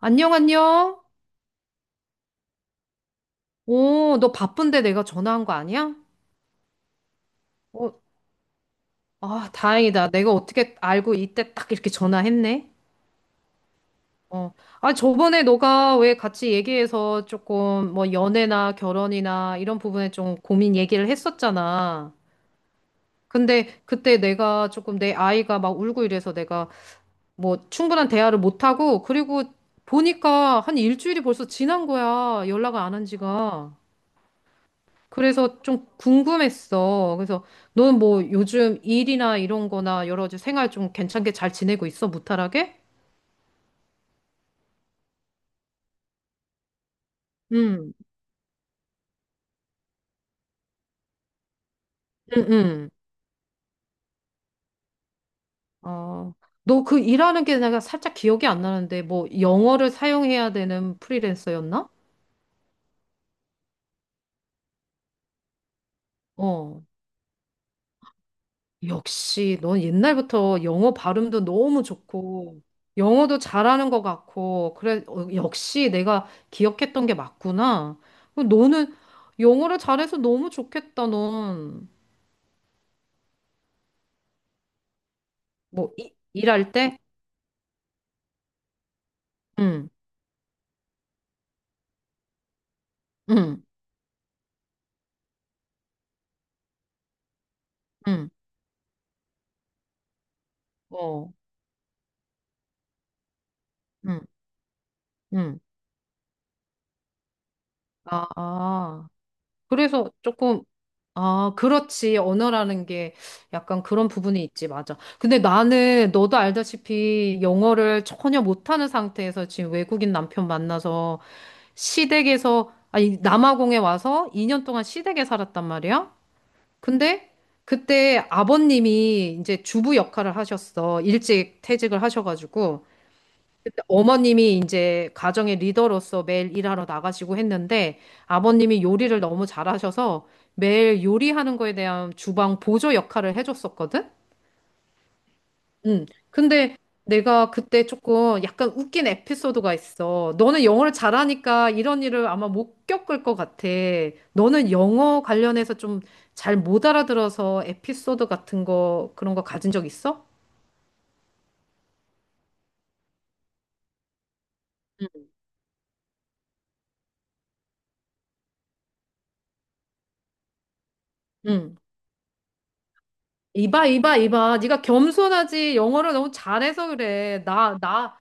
안녕, 안녕. 오, 너 바쁜데 내가 전화한 거 아니야? 어, 아, 다행이다. 내가 어떻게 알고 이때 딱 이렇게 전화했네. 어, 아, 저번에 너가 왜 같이 얘기해서 조금 뭐 연애나 결혼이나 이런 부분에 좀 고민 얘기를 했었잖아. 근데 그때 내가 조금 내 아이가 막 울고 이래서 내가 뭐 충분한 대화를 못하고 그리고 보니까 한 일주일이 벌써 지난 거야. 연락을 안 한 지가. 그래서 좀 궁금했어. 그래서 너는 뭐 요즘 일이나 이런 거나 여러 가지 생활 좀 괜찮게 잘 지내고 있어? 무탈하게? 응 응, 응. 어, 너 그 일하는 게 내가 살짝 기억이 안 나는데 뭐 영어를 사용해야 되는 프리랜서였나? 어. 역시 넌 옛날부터 영어 발음도 너무 좋고 영어도 잘하는 것 같고 그래 어, 역시 내가 기억했던 게 맞구나. 너는 영어를 잘해서 너무 좋겠다, 넌. 뭐, 이, 일할 때? 응, 응, 응, 어. 응, 응. 아, 아. 그래서 조금, 아, 그렇지. 언어라는 게 약간 그런 부분이 있지. 맞아. 근데 나는 너도 알다시피 영어를 전혀 못하는 상태에서 지금 외국인 남편 만나서 시댁에서, 아니, 남아공에 와서 2년 동안 시댁에 살았단 말이야. 근데 그때 아버님이 이제 주부 역할을 하셨어. 일찍 퇴직을 하셔가지고. 어머님이 이제 가정의 리더로서 매일 일하러 나가시고 했는데 아버님이 요리를 너무 잘하셔서 매일 요리하는 거에 대한 주방 보조 역할을 해줬었거든? 응. 근데 내가 그때 조금 약간 웃긴 에피소드가 있어. 너는 영어를 잘하니까 이런 일을 아마 못 겪을 것 같아. 너는 영어 관련해서 좀 잘 못 알아들어서 에피소드 같은 거 그런 거 가진 적 있어? 응. 이봐, 이봐, 이봐. 네가 겸손하지. 영어를 너무 잘해서 그래. 나, 나,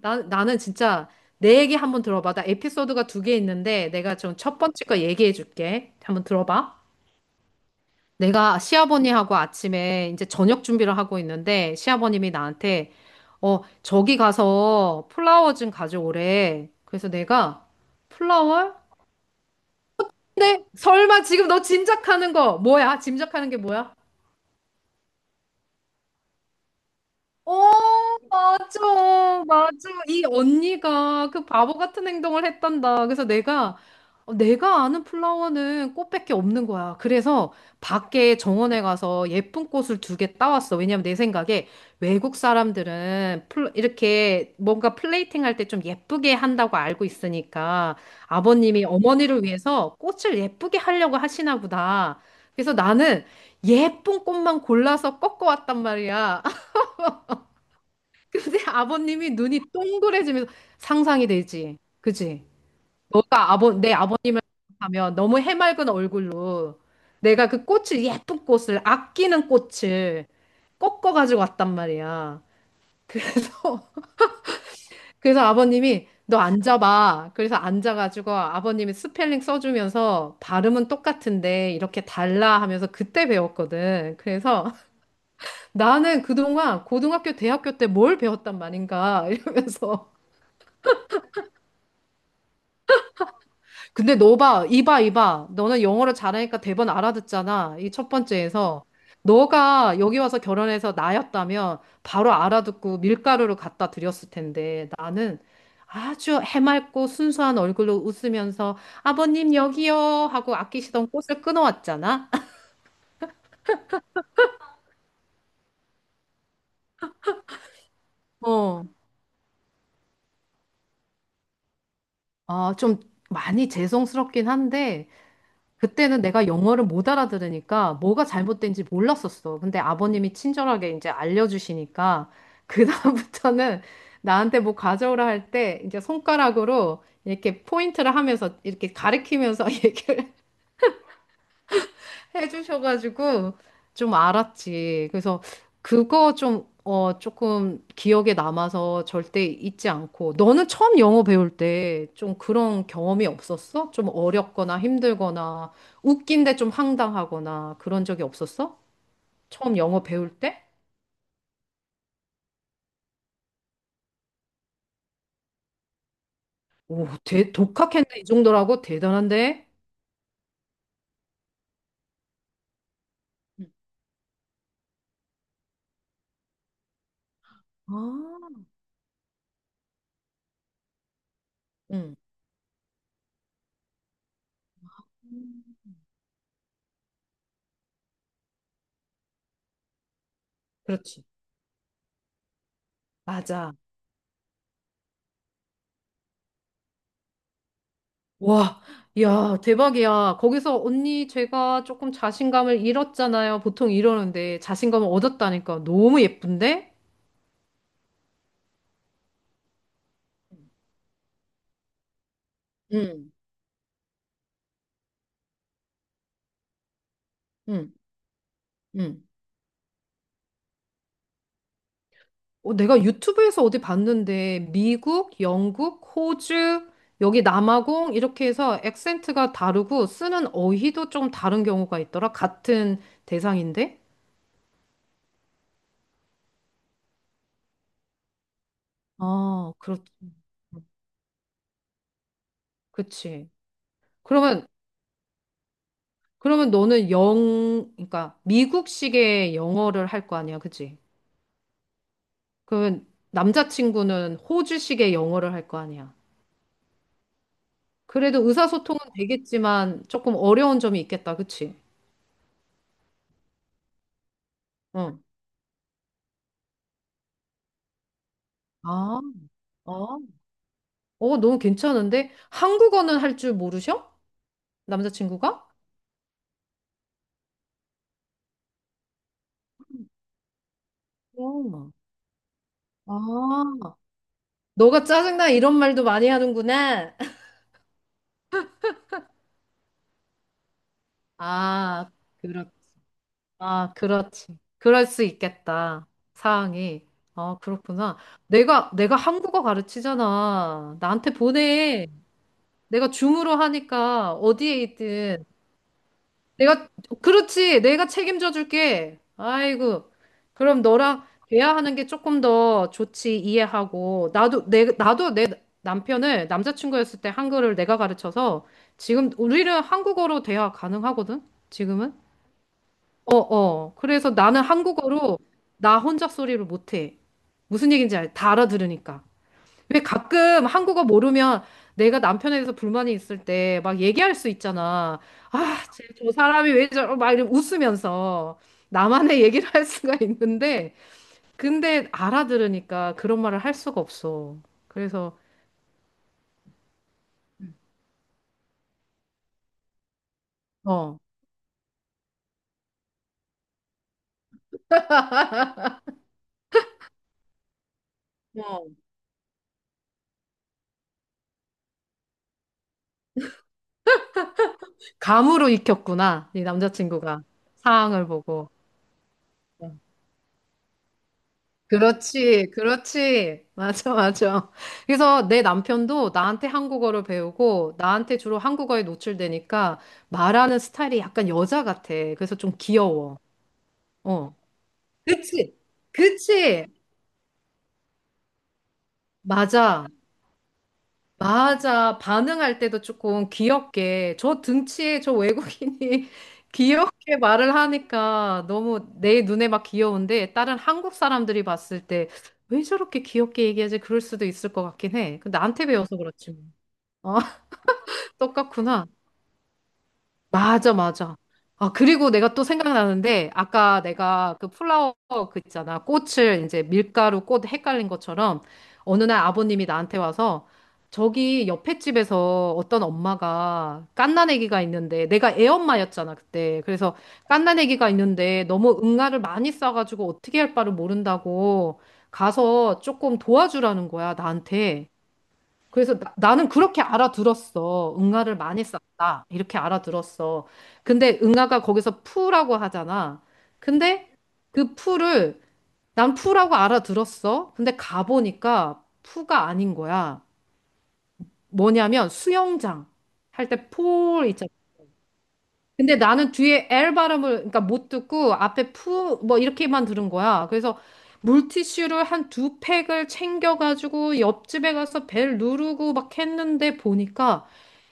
나, 나는 진짜 내 얘기 한번 들어봐. 나 에피소드가 두 개 있는데 내가 좀 첫 번째 거 얘기해 줄게. 한번 들어봐. 내가 시아버님하고 아침에 이제 저녁 준비를 하고 있는데 시아버님이 나한테 어, 저기 가서 플라워 좀 가져오래. 그래서 내가 플라워? 근데 설마 지금 너 짐작하는 거 뭐야? 짐작하는 게 뭐야? 어, 맞아, 맞아. 이 언니가 그 바보 같은 행동을 했단다. 그래서 내가, 어, 내가 아는 플라워는 꽃밖에 없는 거야. 그래서 밖에 정원에 가서 예쁜 꽃을 두 개 따왔어. 왜냐면 내 생각에 외국 사람들은 이렇게 뭔가 플레이팅 할 때 좀 예쁘게 한다고 알고 있으니까 아버님이 어머니를 위해서 꽃을 예쁘게 하려고 하시나 보다. 그래서 나는 예쁜 꽃만 골라서 꺾어왔단 말이야. 근데 아버님이 눈이 동그래지면서 상상이 되지. 그지? 너가 아버, 내 아버님을 하면 너무 해맑은 얼굴로 내가 그 꽃을, 예쁜 꽃을, 아끼는 꽃을 꺾어가지고 왔단 말이야. 그래서, 그래서 아버님이 너 앉아봐. 그래서 앉아가지고 아버님이 스펠링 써주면서 발음은 똑같은데 이렇게 달라 하면서 그때 배웠거든. 그래서 나는 그동안 고등학교, 대학교 때 뭘 배웠단 말인가 이러면서. 근데 너 봐, 이봐, 이봐. 너는 영어를 잘하니까 대번 알아듣잖아. 이 첫 번째에서. 너가 여기 와서 결혼해서 나였다면 바로 알아듣고 밀가루를 갖다 드렸을 텐데 나는 아주 해맑고 순수한 얼굴로 웃으면서 아버님 여기요 하고 아끼시던 꽃을 끊어왔잖아. 어. 아, 좀 많이 죄송스럽긴 한데 그때는 내가 영어를 못 알아들으니까 뭐가 잘못된지 몰랐었어. 근데 아버님이 친절하게 이제 알려주시니까 그다음부터는 나한테 뭐 가져오라 할 때 이제 손가락으로 이렇게 포인트를 하면서 이렇게 가리키면서 얘기를 해주셔가지고 좀 알았지. 그래서 그거 좀, 어, 조금 기억에 남아서 절대 잊지 않고. 너는 처음 영어 배울 때 좀 그런 경험이 없었어? 좀 어렵거나 힘들거나 웃긴데 좀 황당하거나 그런 적이 없었어? 처음 영어 배울 때? 오, 대, 독학했네. 이 정도라고? 대단한데? 음. 아, 응, 음. 그렇지. 맞아. 와, 야, 대박이야. 거기서 언니 제가 조금 자신감을 잃었잖아요. 보통 이러는데 자신감을 얻었다니까 너무 예쁜데? 응, 응, 응. 어, 내가 유튜브에서 어디 봤는데 미국, 영국, 호주, 여기 남아공 이렇게 해서 액센트가 다르고 쓰는 어휘도 좀 다른 경우가 있더라. 같은 대상인데? 아, 그렇지. 그치. 그러면 그러면 너는 그러니까 미국식의 영어를 할 거 아니야, 그치? 그러면 남자친구는 호주식의 영어를 할 거 아니야. 그래도 의사소통은 되겠지만 조금 어려운 점이 있겠다, 그치? 응. 아, 어, 어, 너무 괜찮은데? 한국어는 할 줄 모르셔? 남자친구가? 어. 아, 너가 짜증나 이런 말도 많이 하는구나. 아, 그렇 아, 그렇지. 그럴 수 있겠다. 상황이. 어, 그렇구나. 내가 한국어 가르치잖아. 나한테 보내. 내가 줌으로 하니까 어디에 있든. 내가, 그렇지. 내가 책임져 줄게. 아이고. 그럼 너랑 대화하는 게 조금 더 좋지. 이해하고. 나도 내 남편을 남자친구였을 때 한글을 내가 가르쳐서 지금 우리는 한국어로 대화 가능하거든? 지금은? 어, 어. 그래서 나는 한국어로 나 혼자 소리를 못해. 무슨 얘기인지 알, 다 알아들으니까. 왜 가끔 한국어 모르면 내가 남편에 대해서 불만이 있을 때 막 얘기할 수 있잖아. 아, 쟤저 사람이 왜 저러, 막 이러면 웃으면서 나만의 얘기를 할 수가 있는데, 근데 알아들으니까 그런 말을 할 수가 없어. 그래서, 어, 어. 감으로 익혔구나. 이 남자친구가 상황을 보고. 그렇지, 그렇지. 맞아, 맞아. 그래서 내 남편도 나한테 한국어를 배우고 나한테 주로 한국어에 노출되니까 말하는 스타일이 약간 여자 같아. 그래서 좀 귀여워. 어. 그치, 그치. 맞아. 맞아. 반응할 때도 조금 귀엽게. 저 등치에 저 외국인이 귀엽게 말을 하니까 너무 내 눈에 막 귀여운데 다른 한국 사람들이 봤을 때 왜 저렇게 귀엽게 얘기하지? 그럴 수도 있을 것 같긴 해. 근데 나한테 배워서 그렇지 뭐. 어, 똑같구나. 맞아, 맞아. 아, 그리고 내가 또 생각나는데, 아까 내가 그 플라워 그 있잖아. 꽃을 이제 밀가루 꽃 헷갈린 것처럼, 어느 날 아버님이 나한테 와서, 저기 옆에 집에서 어떤 엄마가 갓난아기가 있는데, 내가 애엄마였잖아, 그때. 그래서 갓난아기가 있는데, 너무 응아를 많이 싸가지고 어떻게 할 바를 모른다고 가서 조금 도와주라는 거야, 나한테. 그래서 나, 는 그렇게 알아들었어. 응아를 많이 썼다. 이렇게 알아들었어. 근데 응아가 거기서 푸라고 하잖아. 근데 그 푸를 난 푸라고 알아들었어. 근데 가보니까 푸가 아닌 거야. 뭐냐면 수영장 할 때 폴 있잖아. 근데 나는 뒤에 L 발음을 그러니까 못 듣고 앞에 푸 뭐 이렇게만 들은 거야. 그래서 물티슈를 한 두 팩을 챙겨가지고 옆집에 가서 벨 누르고 막 했는데 보니까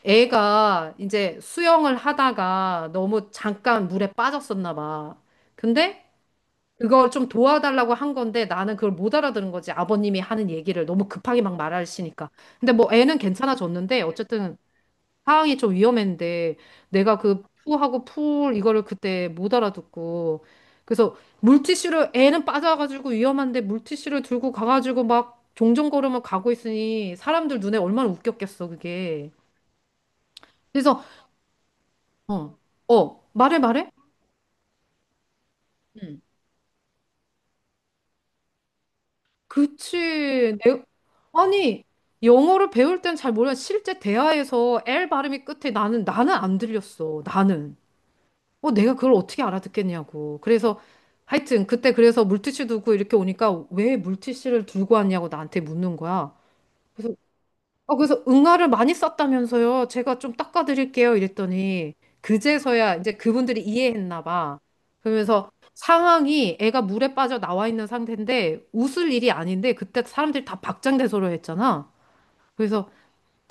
애가 이제 수영을 하다가 너무 잠깐 물에 빠졌었나 봐. 근데 그걸 좀 도와달라고 한 건데 나는 그걸 못 알아들은 거지. 아버님이 하는 얘기를 너무 급하게 막 말하시니까. 근데 뭐 애는 괜찮아졌는데 어쨌든 상황이 좀 위험했는데 내가 그 푸하고 풀 이거를 그때 못 알아듣고 그래서 물티슈를 애는 빠져가지고 위험한데 물티슈를 들고 가가지고 막 종전걸음을 가고 있으니 사람들 눈에 얼마나 웃겼겠어 그게 그래서 어, 어 말해 말해 응. 그치 아니 영어를 배울 땐 잘 몰라 실제 대화에서 L 발음이 끝에 나는 안 들렸어 나는 어, 내가 그걸 어떻게 알아듣겠냐고. 그래서 하여튼 그때 그래서 물티슈 두고 이렇게 오니까 왜 물티슈를 들고 왔냐고 나한테 묻는 거야. 그래서 어, 그래서 응아를 많이 썼다면서요. 제가 좀 닦아드릴게요. 이랬더니 그제서야 이제 그분들이 이해했나 봐. 그러면서 상황이 애가 물에 빠져 나와 있는 상태인데 웃을 일이 아닌데 그때 사람들이 다 박장대소를 했잖아. 그래서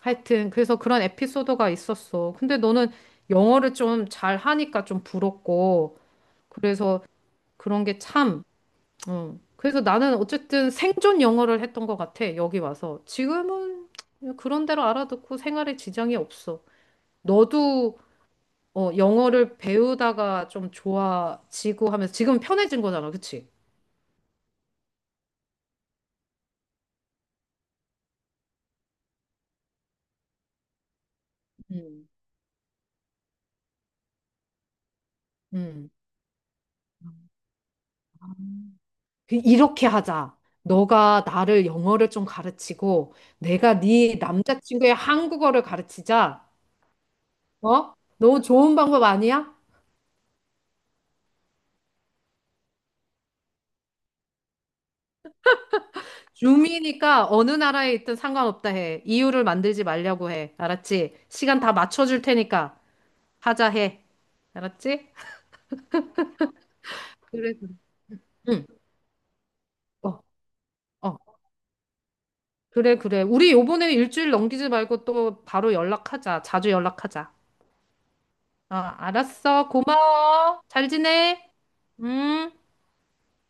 하여튼 그래서 그런 에피소드가 있었어. 근데 너는 영어를 좀 잘 하니까 좀 부럽고 그래서 그런 게 참, 어. 그래서 나는 어쨌든 생존 영어를 했던 것 같아, 여기 와서. 지금은 그냥 그런 대로 알아듣고 생활에 지장이 없어. 너도 어, 영어를 배우다가 좀 좋아지고 하면서 지금 편해진 거잖아, 그치? 음. 음. 이렇게 하자. 너가 나를 영어를 좀 가르치고 내가 네 남자친구의 한국어를 가르치자. 어? 너무 좋은 방법 아니야? 줌이니까 어느 나라에 있든 상관없다 해. 이유를 만들지 말려고 해. 알았지? 시간 다 맞춰줄 테니까 하자 해. 알았지? 그래, 그래. 응. 어, 어. 그래, 그래. 우리 요번에 일주일 넘기지 말고 또 바로 연락하자. 자주 연락하자. 어, 알았어. 고마워. 잘 지내. 음.